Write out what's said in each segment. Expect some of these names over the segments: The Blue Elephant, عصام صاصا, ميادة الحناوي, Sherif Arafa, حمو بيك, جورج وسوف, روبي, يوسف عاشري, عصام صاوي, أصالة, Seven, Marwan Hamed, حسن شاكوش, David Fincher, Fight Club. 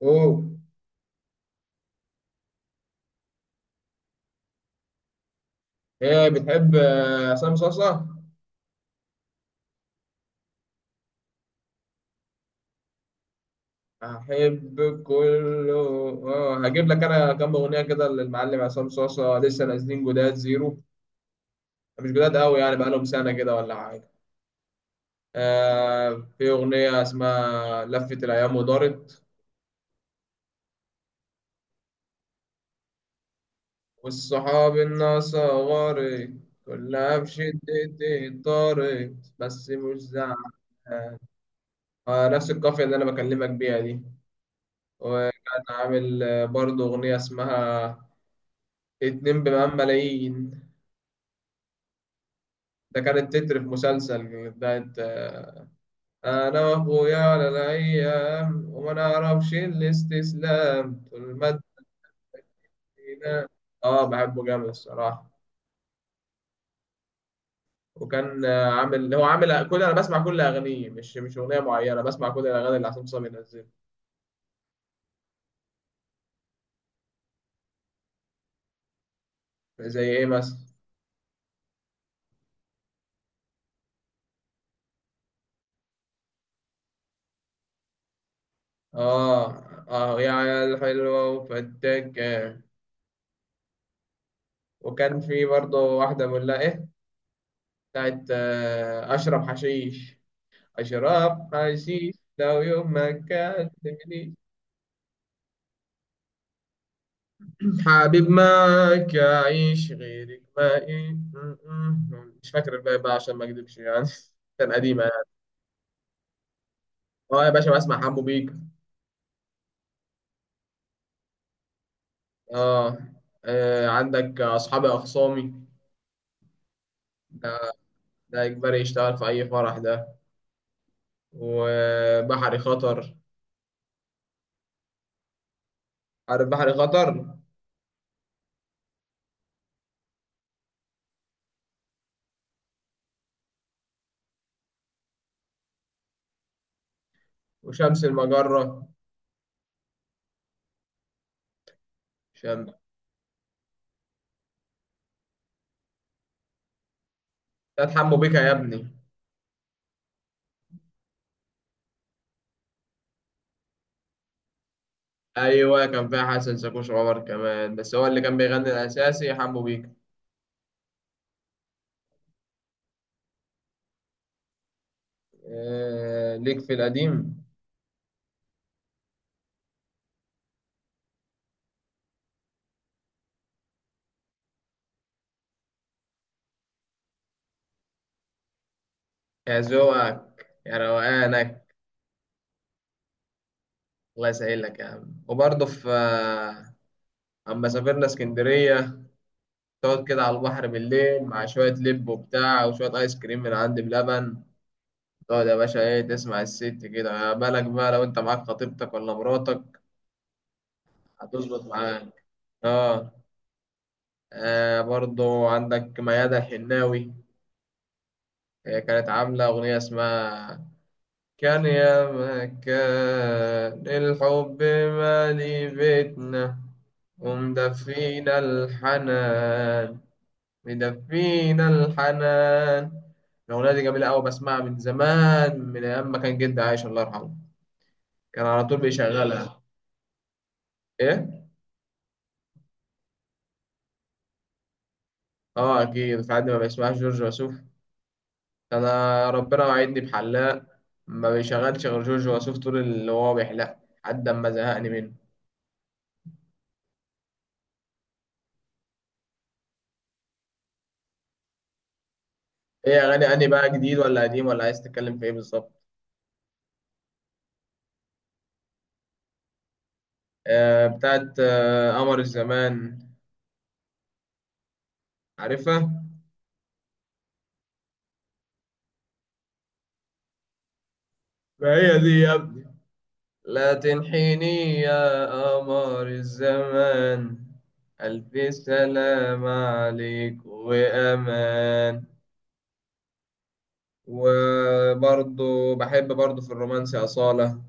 اوه. هي بتحب عصام صاصا. احب كله. اه، هجيب لك انا كام اغنيه كده للمعلم عصام صاصا لسه نازلين جداد زيرو. مش جداد قوي يعني بقالهم سنه كده ولا حاجه. في اغنيه اسمها لفت الايام ودارت، والصحاب الناس غارت كلها بشدة، طارت بس مش زعلان. آه، نفس القافية اللي أنا بكلمك بيها دي. وكان عامل برضه أغنية اسمها اتنين بمئات ملايين. ده كانت تتر في مسلسل بتاعت أنا وأخويا على الأيام وما نعرفش الاستسلام طول ما الدنيا. آه، بحبه جامد الصراحة. وكان عامل هو عامل كل، أنا بسمع كل أغانيه، مش أغنية معينة، بسمع كل الأغاني اللي عصام صاوي بينزلها. زي إيه مثلا؟ آه. آه يا عيال حلوة وفتاك. وكان في برضه واحدة بقول لها إيه، بتاعت أشرب حشيش. أشرب حشيش لو يوم ما كلمني حبيب معاك أعيش غيرك ما إيه مش فاكر الباقي بقى عشان ما أكدبش يعني كان قديمة يعني. أه يا باشا، بسمع حمو بيك. أه. عندك أصحابي أخصامي. ده ده إجباري يشتغل في أي فرح ده. وبحري خطر. عارف بحري خطر؟ وشمس المجرة. شمس بتاعت حمو بيكا يا ابني. ايوه، كان فيها حسن شاكوش، عمر كمان، بس هو اللي كان بيغني الاساسي حمو بيكا. آه، ليك في القديم. يا ذوقك يا روقانك. الله يسهلك يا عم. وبرضه في اما سافرنا اسكندريه، تقعد كده على البحر بالليل مع شويه لب وبتاع وشويه ايس كريم من عند بلبن، تقعد يا باشا ايه، تسمع الست كده، يا بالك بقى لو انت معاك خطيبتك ولا مراتك. هتظبط معاك. اه. برضه عندك ميادة الحناوي. هي كانت عاملة أغنية اسمها كان يا ما كان الحب مالي بيتنا ومدفينا الحنان. مدفينا الحنان. الأغنية دي جميلة أوي، بسمعها من زمان من أيام ما كان جدي عايش، الله يرحمه، كان على طول بيشغلها. إيه؟ آه، أكيد. في حد ما بيسمعش جورج وسوف؟ أنا ربنا وعدني بحلاق ما بيشغلش غير جورج وسوف طول اللي هو بيحلق لحد ما زهقني منه. ايه اغاني اني بقى، جديد ولا قديم ولا عايز تتكلم في ايه بالظبط؟ آه، بتاعت قمر الزمان. عارفها؟ ما هي دي يا ابني. لا تنحيني يا قمر الزمان، ألف سلام عليك وأمان. وبرضه بحب برضه في الرومانسي أصالة.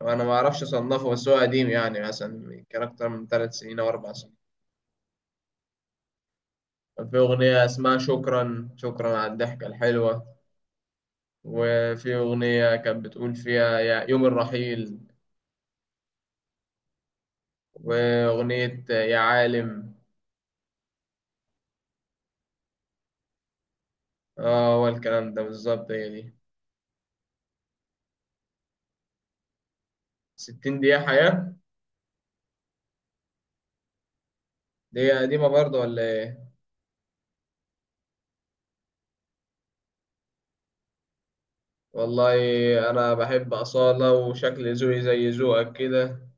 وأنا ما أعرفش أصنفه، بس هو قديم يعني مثلا كان أكتر من 3 سنين أو 4 سنين. كان في أغنية اسمها شكرا شكرا على الضحكة الحلوة، وفي أغنية كانت بتقول فيها يا يوم الرحيل، وأغنية يا عالم. اه، هو الكلام ده بالظبط، هي دي. 60 دقيقة حياة. دي هي قديمة برضه ولا ايه؟ والله أنا بحب أصالة، وشكل ذوقي زي ذوقك كده.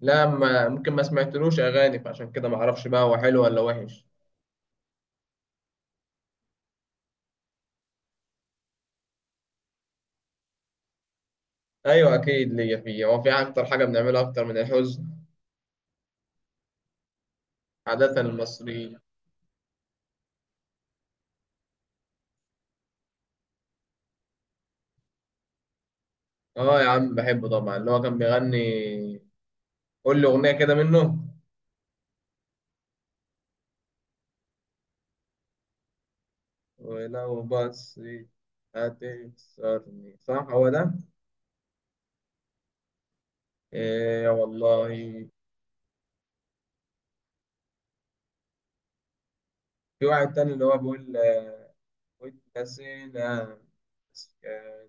لا، ما ممكن، ما سمعتلوش أغاني، فعشان كده ما أعرفش بقى هو حلو ولا وحش. أيوة أكيد ليا فيه، هو في أكتر حاجة بنعملها أكتر من الحزن؟ عادة المصريين. اه يا عم، بحبه طبعا. اللي هو كان بيغني، قول لي أغنية كده منه. ولو بس هتكسرني، صح هو ده؟ إيه يا والله. في واحد تاني اللي هو بيقول واتنسينا مسكين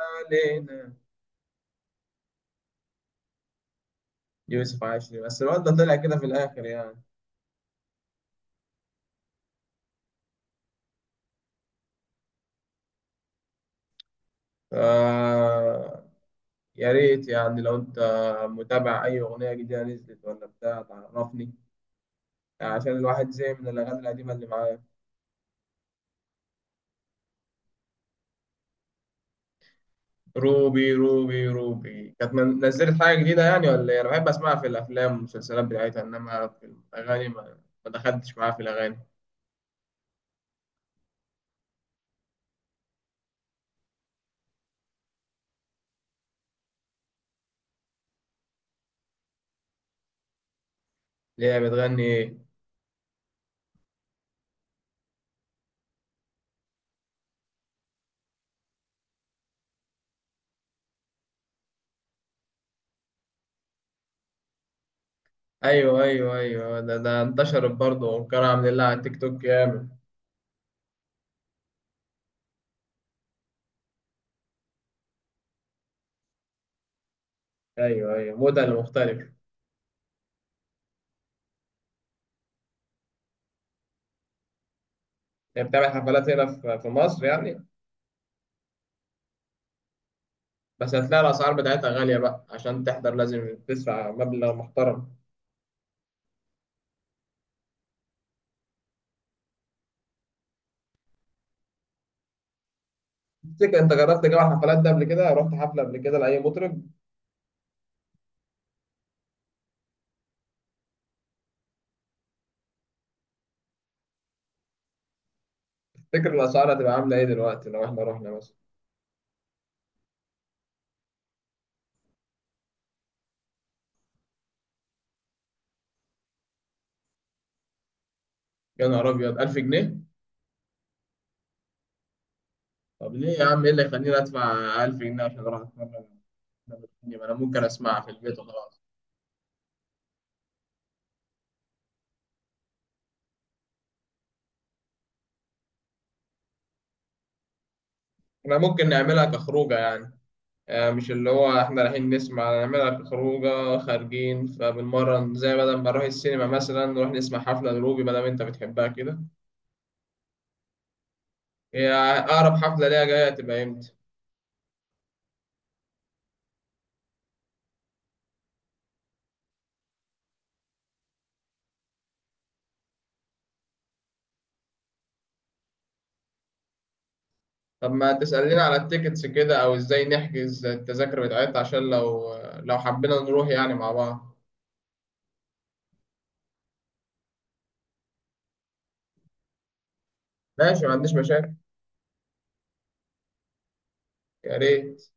علينا. يوسف عاشري، بس الواد ده طلع كده في الآخر يعني. ف يا ريت يعني لو أنت متابع أي أغنية جديدة نزلت ولا بتاع تعرفني، عشان الواحد زهق من الأغاني القديمة اللي معاه. روبي، روبي، روبي، كانت نزلت حاجة جديدة يعني ولا إيه؟ أنا بحب أسمعها في الأفلام والمسلسلات بتاعتها، إنما في الأغاني ما دخلتش معاها في الأغاني. اللي هي بتغني إيه؟ أيوه أيوه أيوه، ده انتشرت برضه، وكان عامل لها على تيك توك جامد. أيوه أيوه، موديل مختلف. هي بتعمل حفلات هنا في مصر يعني؟ بس هتلاقي الأسعار بتاعتها غالية بقى، عشان تحضر لازم تدفع مبلغ محترم. تفتكر أنت جربت جو الحفلات ده قبل كده؟ رحت حفلة قبل كده لأي مطرب؟ تفتكر الأسعار هتبقى عاملة إيه دلوقتي لو إحنا رحنا مثلا؟ يا نهار ابيض، 1000 جنيه؟ طب ليه يا عم، ايه اللي يخليني ادفع 1000 جنيه عشان اروح اتمرن؟ أنا بتكلم، أنا ممكن اسمعها في البيت وخلاص. احنا ممكن نعملها كخروجه يعني، مش اللي هو احنا رايحين نسمع، نعملها كخروجه، خارجين فبنمرن، زي بدل ما نروح السينما مثلا نروح نسمع حفله لروبي ما دام انت بتحبها كده. هي اقرب حفله ليها جايه تبقى امتى؟ طب ما تسألينا على التيكتس كده، او ازاي نحجز التذاكر بتاعتها؟ عشان لو حبينا نروح يعني مع بعض. ماشي، ما عنديش مشاكل. يا ريت.